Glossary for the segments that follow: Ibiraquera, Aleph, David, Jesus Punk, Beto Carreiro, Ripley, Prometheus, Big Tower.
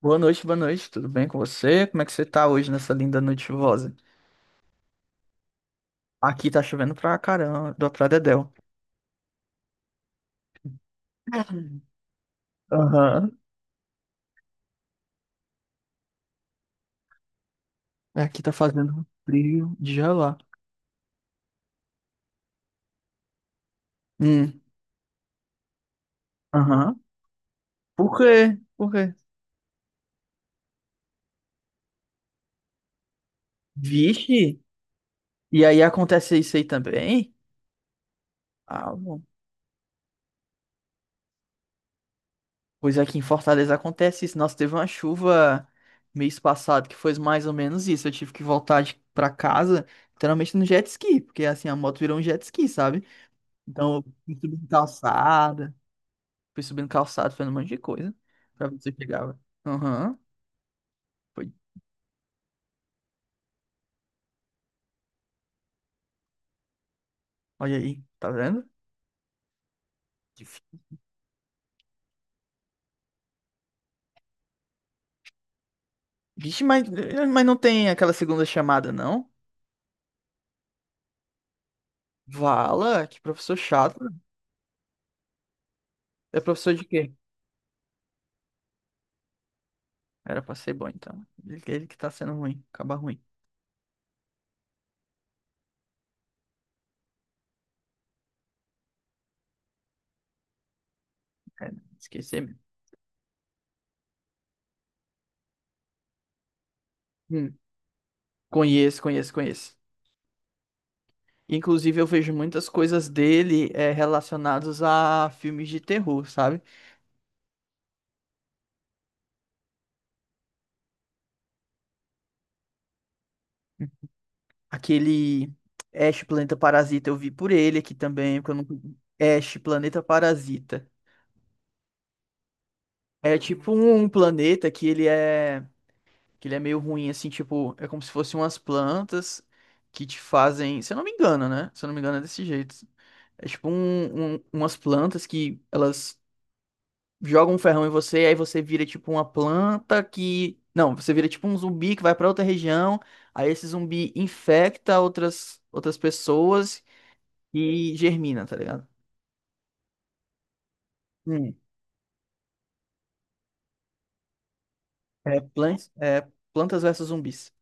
Boa noite, tudo bem com você? Como é que você tá hoje nessa linda noite chuvosa? Aqui tá chovendo pra caramba, pra Dedéu. Aham. Aqui tá fazendo um frio de gelar. Hum. Aham. Por quê? Por quê? Vixe! E aí acontece isso aí também? Ah, bom. Pois aqui em Fortaleza acontece isso. Nossa, teve uma chuva mês passado que foi mais ou menos isso. Eu tive que voltar pra casa, literalmente no jet ski, porque assim, a moto virou um jet ski, sabe? Então, eu fui subindo calçada, fazendo um monte de coisa pra ver se eu chegava. Aham, foi. Olha aí, tá vendo? Difí- Vixe, mas, mas não tem aquela segunda chamada, não? Vala, que professor chato. É professor de quê? Era pra ser bom, então. Ele que tá sendo ruim, acaba ruim. É, esqueci mesmo. Hum, Conheço, conheço, conheço. Inclusive, eu vejo muitas coisas dele relacionadas a filmes de terror, sabe? Aquele Ash Planeta Parasita eu vi por ele aqui também, porque eu nunca. Ash Planeta Parasita. É tipo um planeta que ele é meio ruim assim, tipo, é como se fossem umas plantas que te fazem, se eu não me engano, né? Se eu não me engano é desse jeito. É tipo umas plantas que elas jogam um ferrão em você, aí você vira tipo uma planta que, não, você vira tipo um zumbi que vai pra outra região, aí esse zumbi infecta outras pessoas e germina, tá ligado? Hum. É, Plantas versus Zumbis.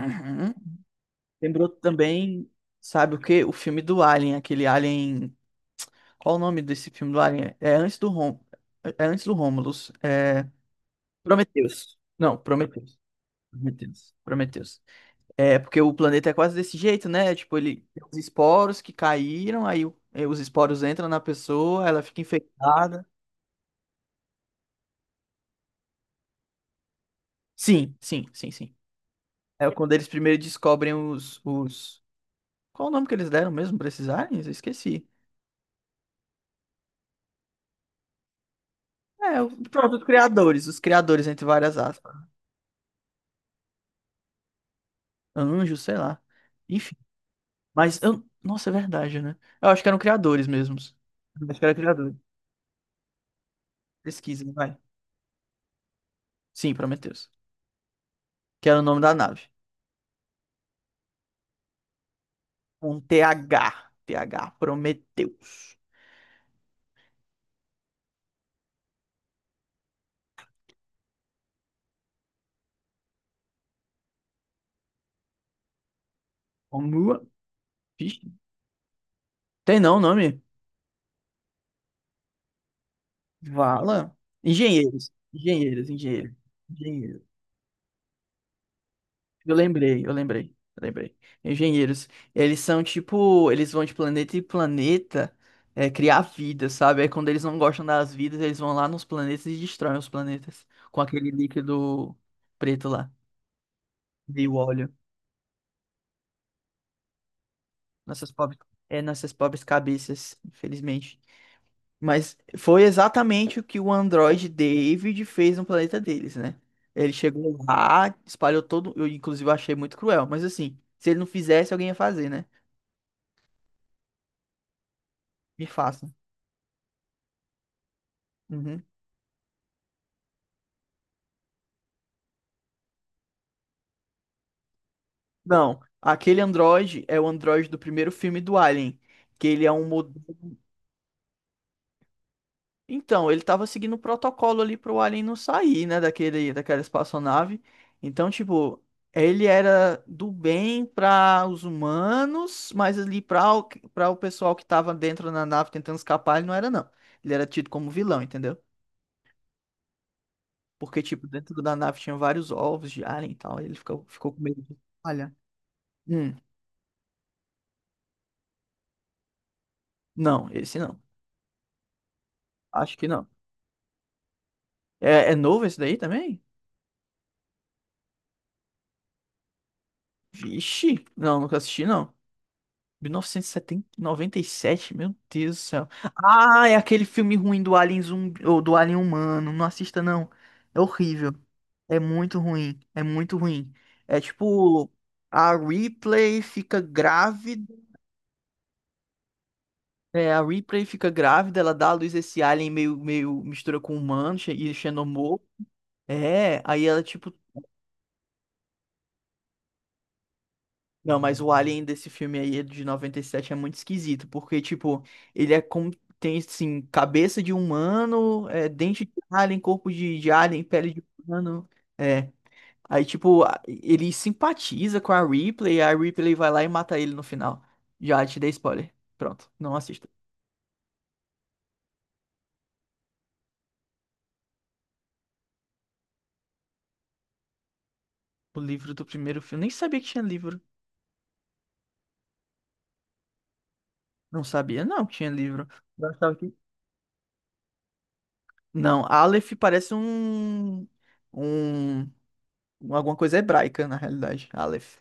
Uhum. Lembrou também, sabe o quê? O filme do Alien, aquele Alien. Qual o nome desse filme do Alien? É antes do Romulus. É Prometheus. Não, Prometheus. Prometheus. Prometheus. É porque o planeta é quase desse jeito, né? Tipo, ele tem os esporos que caíram, aí os esporos entram na pessoa, ela fica infectada. Sim, sim, sim, sim. É quando eles primeiro descobrem os. Qual o nome que eles deram mesmo pra esses aliens? Eu esqueci. É, pronto, os criadores entre várias aspas. Anjos, sei lá. Enfim, mas eu... Nossa, é verdade, né? Eu acho que eram criadores mesmos. Acho que era criadores. Pesquisem, vai. Sim, Prometheus. Que era o nome da nave. T H T H Prometheus. Como? Vixe. Tem não o nome? Vala. Engenheiros. Engenheiros, engenheiros. Engenheiros. Eu lembrei, eu lembrei, eu lembrei. Engenheiros, eles são tipo, eles vão de planeta em planeta criar vida, sabe? Aí quando eles não gostam das vidas, eles vão lá nos planetas e destroem os planetas com aquele líquido preto lá, de óleo. Nossas pobres, nossas pobres cabeças, infelizmente. Mas foi exatamente o que o androide David fez no planeta deles, né? Ele chegou lá, espalhou todo, eu inclusive achei muito cruel, mas assim, se ele não fizesse, alguém ia fazer, né? Me faça. Uhum. Não, aquele Android é o Android do primeiro filme do Alien, que ele é um modelo. Então, ele tava seguindo o protocolo ali pro Alien não sair, né, daquele, daquela espaçonave. Então, tipo, ele era do bem para os humanos, mas ali para o pessoal que tava dentro da nave tentando escapar, ele não era, não. Ele era tido como vilão, entendeu? Porque, tipo, dentro da nave tinha vários ovos de Alien e tal, e ele ficou com medo de falhar. Hum, não, esse não. Acho que não. É novo esse daí também? Ixi, não, nunca assisti, não. 1997, meu Deus do céu. Ah, é aquele filme ruim do Alien zumbi, ou do Alien humano. Não assista, não. É horrível. É muito ruim. É muito ruim. É tipo, a Ripley fica grávida. É, a Ripley fica grávida, ela dá à luz esse alien meio mistura com humano, e xenomorfo. É, aí ela, tipo, não, mas o Alien desse filme aí é de 97 é muito esquisito, porque, tipo, ele é como tem, assim, cabeça de humano, dente de alien, corpo de alien, pele de humano. É. Aí, tipo, ele simpatiza com a Ripley vai lá e mata ele no final. Já te dei spoiler. Pronto, não assista. O livro do primeiro filme, nem sabia que tinha livro. Não sabia, não, que tinha livro. Eu achava que- Não, Aleph parece um, alguma coisa hebraica, na realidade. Aleph.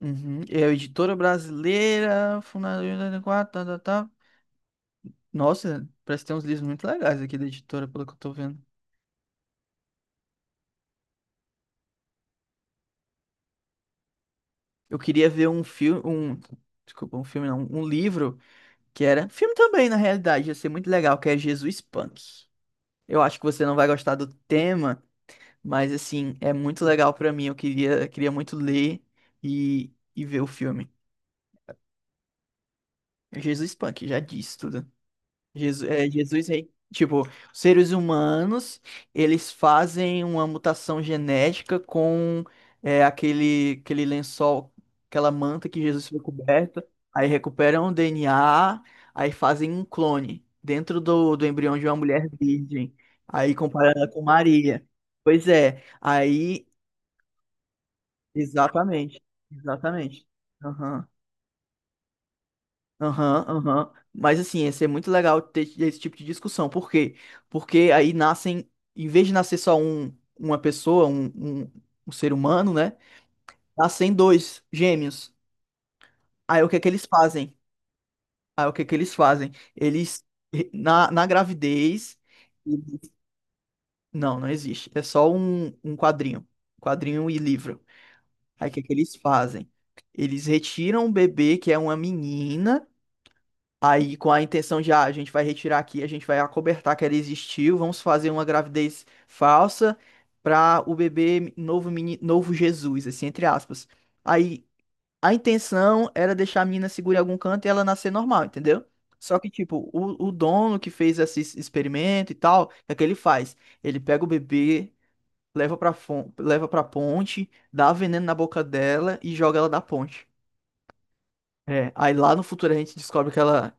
Uhum. É a editora brasileira, fundadora em 84, tá, tá, tá. Nossa, parece que tem uns livros muito legais aqui da editora, pelo que eu tô vendo. Eu queria ver um filme, um, desculpa, um filme não, um livro que era, filme também, na realidade, ia ser muito legal, que é Jesus Punk. Eu acho que você não vai gostar do tema, mas assim, é muito legal pra mim, eu queria muito ler e ver o filme. É Jesus Punk, já disse tudo. Jesus rei. Tipo, os seres humanos, eles fazem uma mutação genética com aquele lençol, aquela manta que Jesus foi coberto. Aí recuperam o DNA, aí fazem um clone dentro do embrião de uma mulher virgem. Aí comparando ela com Maria. Pois é, aí, exatamente, exatamente. Aham. Aham, aham. Mas assim, ia ser muito legal ter esse tipo de discussão. Por quê? Porque aí nascem, em vez de nascer só um, uma pessoa, um, um ser humano, né? Nascem dois gêmeos. Aí o que é que eles fazem? Aí o que é que eles fazem? Eles, na gravidez. Eles- Não, não existe. É só um quadrinho. Quadrinho e livro. Aí o que é que eles fazem? Eles retiram o bebê, que é uma menina, aí, com a intenção de, ah, a gente vai retirar aqui, a gente vai acobertar que ela existiu, vamos fazer uma gravidez falsa para o bebê novo, novo Jesus, assim, entre aspas. Aí, a intenção era deixar a menina segura em algum canto e ela nascer normal, entendeu? Só que, tipo, o dono que fez esse experimento e tal, o que é que ele faz? Ele pega o bebê, leva pra ponte, dá veneno na boca dela e joga ela da ponte. É, aí lá no futuro a gente descobre que ela,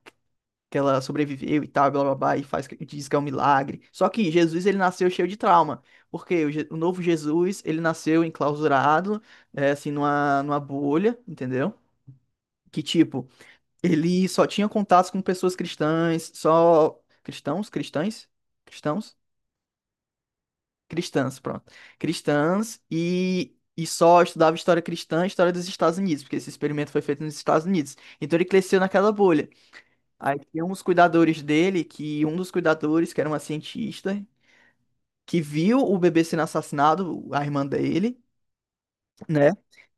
que ela sobreviveu e tal, blá blá blá, e faz, diz que é um milagre. Só que Jesus, ele nasceu cheio de trauma, porque o novo Jesus, ele nasceu enclausurado, assim, numa bolha, entendeu? Que, tipo, ele só tinha contatos com pessoas cristãs, só... Cristãos? Cristãs? Cristãos? Cristãs, pronto. Cristãs e... E só estudava história cristã e história dos Estados Unidos, porque esse experimento foi feito nos Estados Unidos. Então ele cresceu naquela bolha. Aí tinha uns cuidadores dele, que um dos cuidadores, que era uma cientista, que viu o bebê sendo assassinado, a irmã dele, né?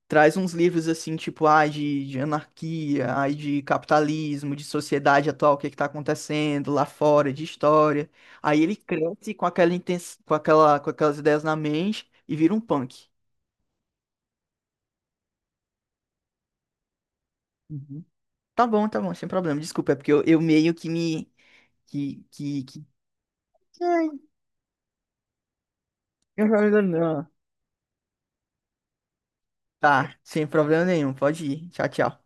Traz uns livros assim, tipo, ai, de anarquia, ai, de capitalismo, de sociedade atual, o que é que tá acontecendo lá fora, de história. Aí ele cresce com aquela, intens... com aquela, com aquelas ideias na mente e vira um punk. Uhum. Tá bom, sem problema. Desculpa, é porque eu meio que me. Que... Ai, eu não. Tá, sem problema nenhum. Pode ir. Tchau, tchau.